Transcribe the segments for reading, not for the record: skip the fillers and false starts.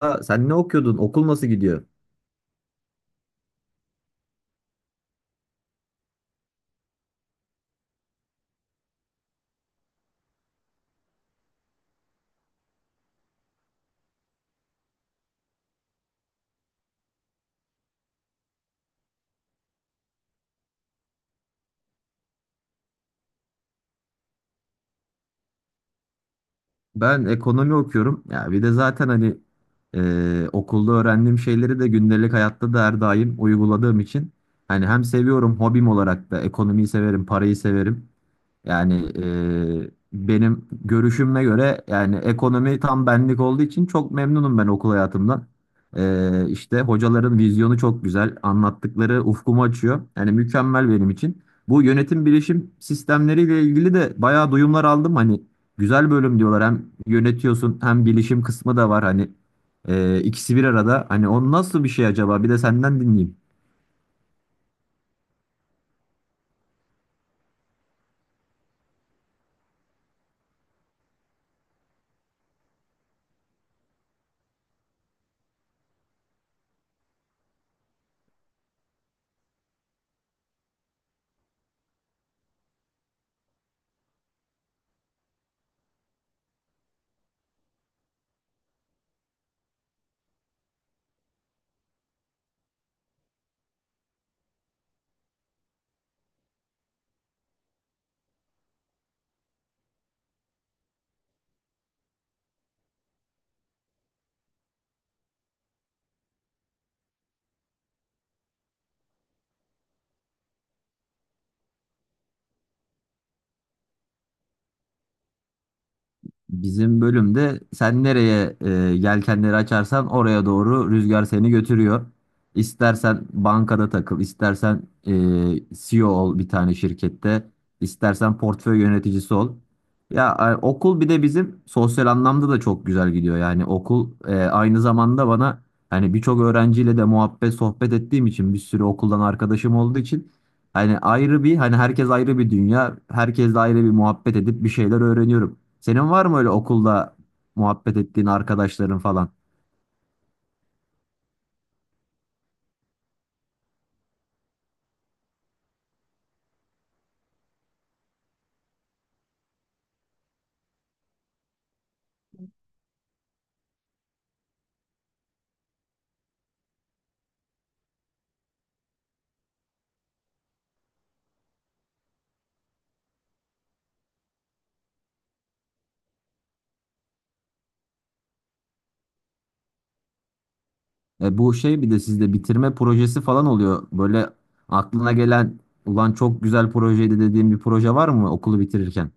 Aa, sen ne okuyordun? Okul nasıl gidiyor? Ben ekonomi okuyorum. Ya bir de zaten hani okulda öğrendiğim şeyleri de gündelik hayatta da her daim uyguladığım için hani hem seviyorum hobim olarak da ekonomiyi severim, parayı severim. Yani benim görüşüme göre yani ekonomi tam benlik olduğu için çok memnunum ben okul hayatımdan. İşte hocaların vizyonu çok güzel, anlattıkları ufkumu açıyor. Yani mükemmel benim için. Bu yönetim bilişim sistemleriyle ilgili de bayağı duyumlar aldım. Hani güzel bölüm diyorlar. Hem yönetiyorsun hem bilişim kısmı da var. Hani ikisi bir arada. Hani o nasıl bir şey acaba? Bir de senden dinleyeyim. Bizim bölümde sen nereye yelkenleri açarsan oraya doğru rüzgar seni götürüyor. İstersen bankada takıl, istersen CEO ol bir tane şirkette, istersen portföy yöneticisi ol. Ya okul bir de bizim sosyal anlamda da çok güzel gidiyor. Yani okul aynı zamanda bana hani birçok öğrenciyle de muhabbet sohbet ettiğim için bir sürü okuldan arkadaşım olduğu için hani ayrı bir hani herkes ayrı bir dünya, herkesle ayrı bir muhabbet edip bir şeyler öğreniyorum. Senin var mı öyle okulda muhabbet ettiğin arkadaşların falan? E bu şey bir de sizde bitirme projesi falan oluyor. Böyle aklına gelen ulan çok güzel projeydi dediğin bir proje var mı okulu bitirirken?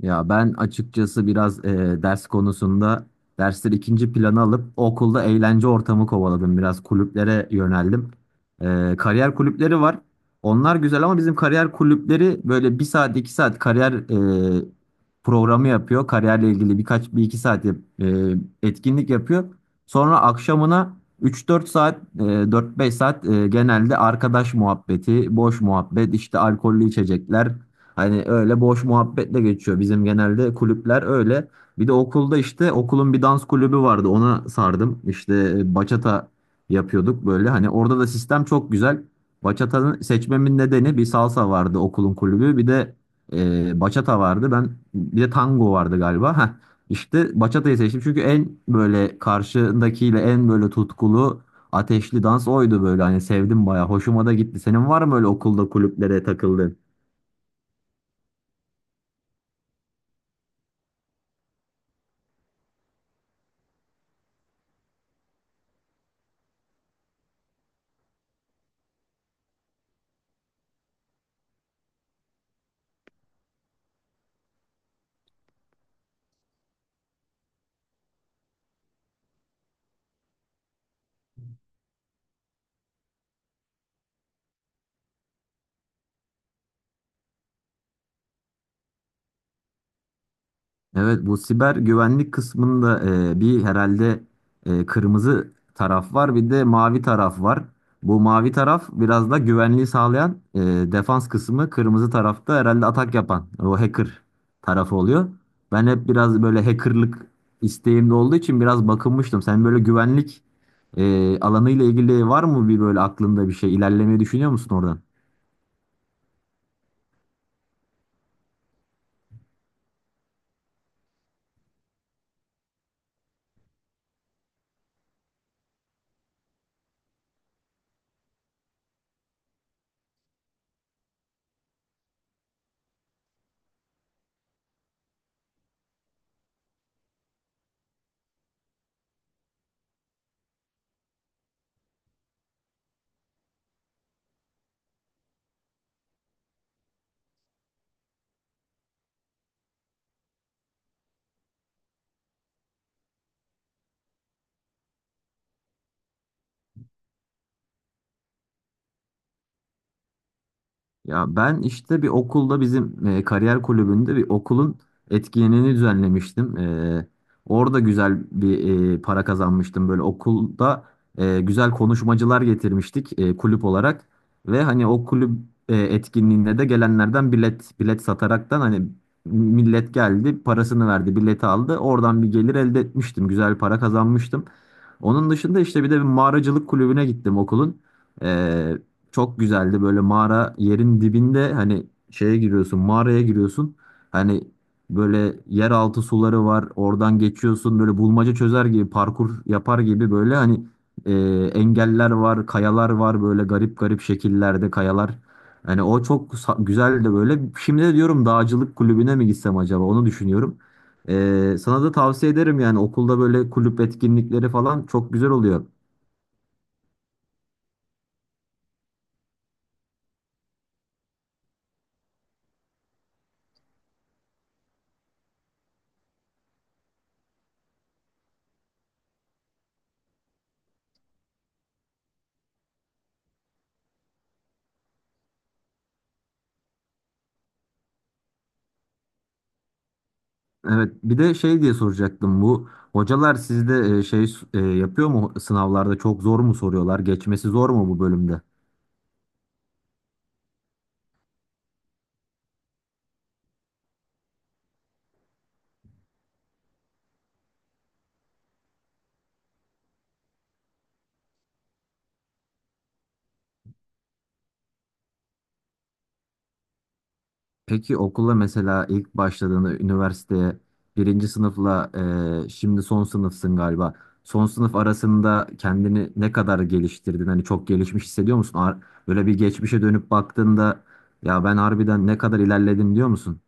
Ya ben açıkçası biraz ders konusunda dersleri ikinci plana alıp okulda eğlence ortamı kovaladım. Biraz kulüplere yöneldim. Kariyer kulüpleri var. Onlar güzel ama bizim kariyer kulüpleri böyle bir saat iki saat kariyer e, programı yapıyor. Kariyerle ilgili birkaç bir iki saat e, etkinlik yapıyor. Sonra akşamına üç dört saat 4-5 saat genelde arkadaş muhabbeti, boş muhabbet, işte alkollü içecekler. Hani öyle boş muhabbetle geçiyor. Bizim genelde kulüpler öyle. Bir de okulda işte okulun bir dans kulübü vardı. Ona sardım. İşte bachata yapıyorduk böyle. Hani orada da sistem çok güzel. Bachata'nın seçmemin nedeni bir salsa vardı okulun kulübü. Bir de bachata vardı. Ben bir de tango vardı galiba. Heh. İşte bachata'yı seçtim. Çünkü en böyle karşındakiyle en böyle tutkulu ateşli dans oydu böyle. Hani sevdim bayağı. Hoşuma da gitti. Senin var mı öyle okulda kulüplere takıldığın? Evet bu siber güvenlik kısmında bir herhalde kırmızı taraf var bir de mavi taraf var. Bu mavi taraf biraz da güvenliği sağlayan defans kısmı kırmızı tarafta herhalde atak yapan o hacker tarafı oluyor. Ben hep biraz böyle hackerlık isteğimde olduğu için biraz bakınmıştım. Sen böyle güvenlik alanıyla ilgili var mı bir böyle aklında bir şey ilerlemeyi düşünüyor musun oradan? Ya ben işte bir okulda bizim kariyer kulübünde bir okulun etkinliğini düzenlemiştim. Orada güzel bir para kazanmıştım. Böyle okulda güzel konuşmacılar getirmiştik kulüp olarak. Ve hani o kulüp etkinliğinde de gelenlerden bilet sataraktan hani millet geldi, parasını verdi, bileti aldı. Oradan bir gelir elde etmiştim. Güzel para kazanmıştım. Onun dışında işte bir de bir mağaracılık kulübüne gittim okulun. E, çok güzeldi böyle mağara yerin dibinde hani şeye giriyorsun mağaraya giriyorsun. Hani böyle yeraltı suları var oradan geçiyorsun böyle bulmaca çözer gibi parkur yapar gibi böyle hani e, engeller var kayalar var böyle garip garip şekillerde kayalar. Hani o güzeldi böyle. Şimdi de diyorum dağcılık kulübüne mi gitsem acaba onu düşünüyorum. E, sana da tavsiye ederim yani okulda böyle kulüp etkinlikleri falan çok güzel oluyor. Evet, bir de şey diye soracaktım. Bu hocalar sizde yapıyor mu sınavlarda çok zor mu soruyorlar? Geçmesi zor mu bu bölümde? Peki okula mesela ilk başladığında üniversiteye birinci sınıfla şimdi son sınıfsın galiba. Son sınıf arasında kendini ne kadar geliştirdin? Hani çok gelişmiş hissediyor musun? Böyle bir geçmişe dönüp baktığında ya ben harbiden ne kadar ilerledim diyor musun?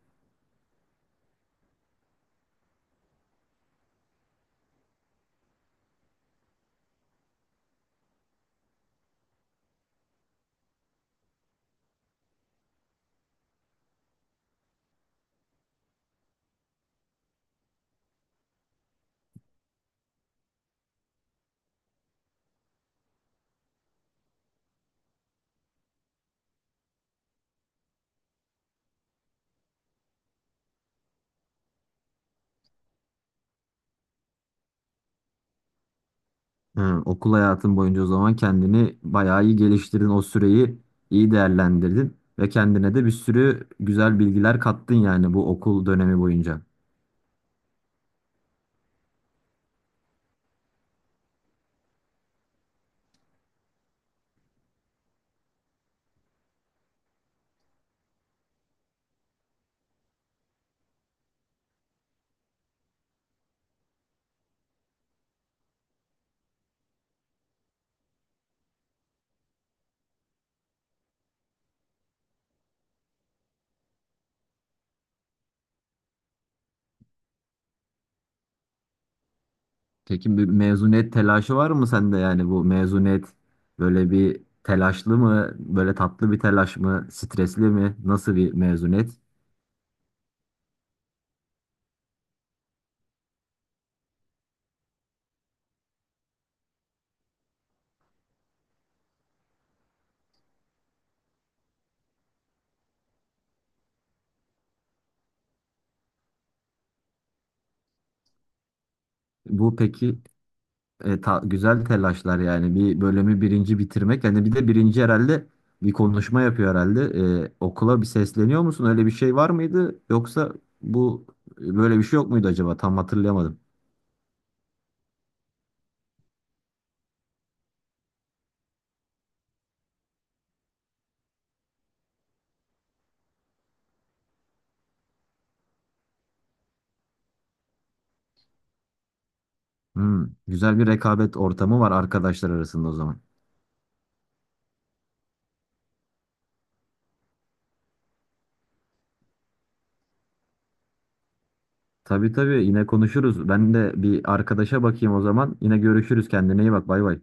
Ha, okul hayatın boyunca o zaman kendini bayağı iyi geliştirdin. O süreyi iyi değerlendirdin ve kendine de bir sürü güzel bilgiler kattın yani bu okul dönemi boyunca. Peki bir mezuniyet telaşı var mı sende yani bu mezuniyet böyle bir telaşlı mı, böyle tatlı bir telaş mı, stresli mi, nasıl bir mezuniyet? Bu peki güzel telaşlar yani bir bölümü birinci bitirmek hani bir de birinci herhalde bir konuşma yapıyor herhalde. E, okula bir sesleniyor musun öyle bir şey var mıydı yoksa bu böyle bir şey yok muydu acaba tam hatırlayamadım. Hmm, güzel bir rekabet ortamı var arkadaşlar arasında o zaman. Tabii tabii yine konuşuruz ben de bir arkadaşa bakayım o zaman yine görüşürüz kendine iyi bak bay bay.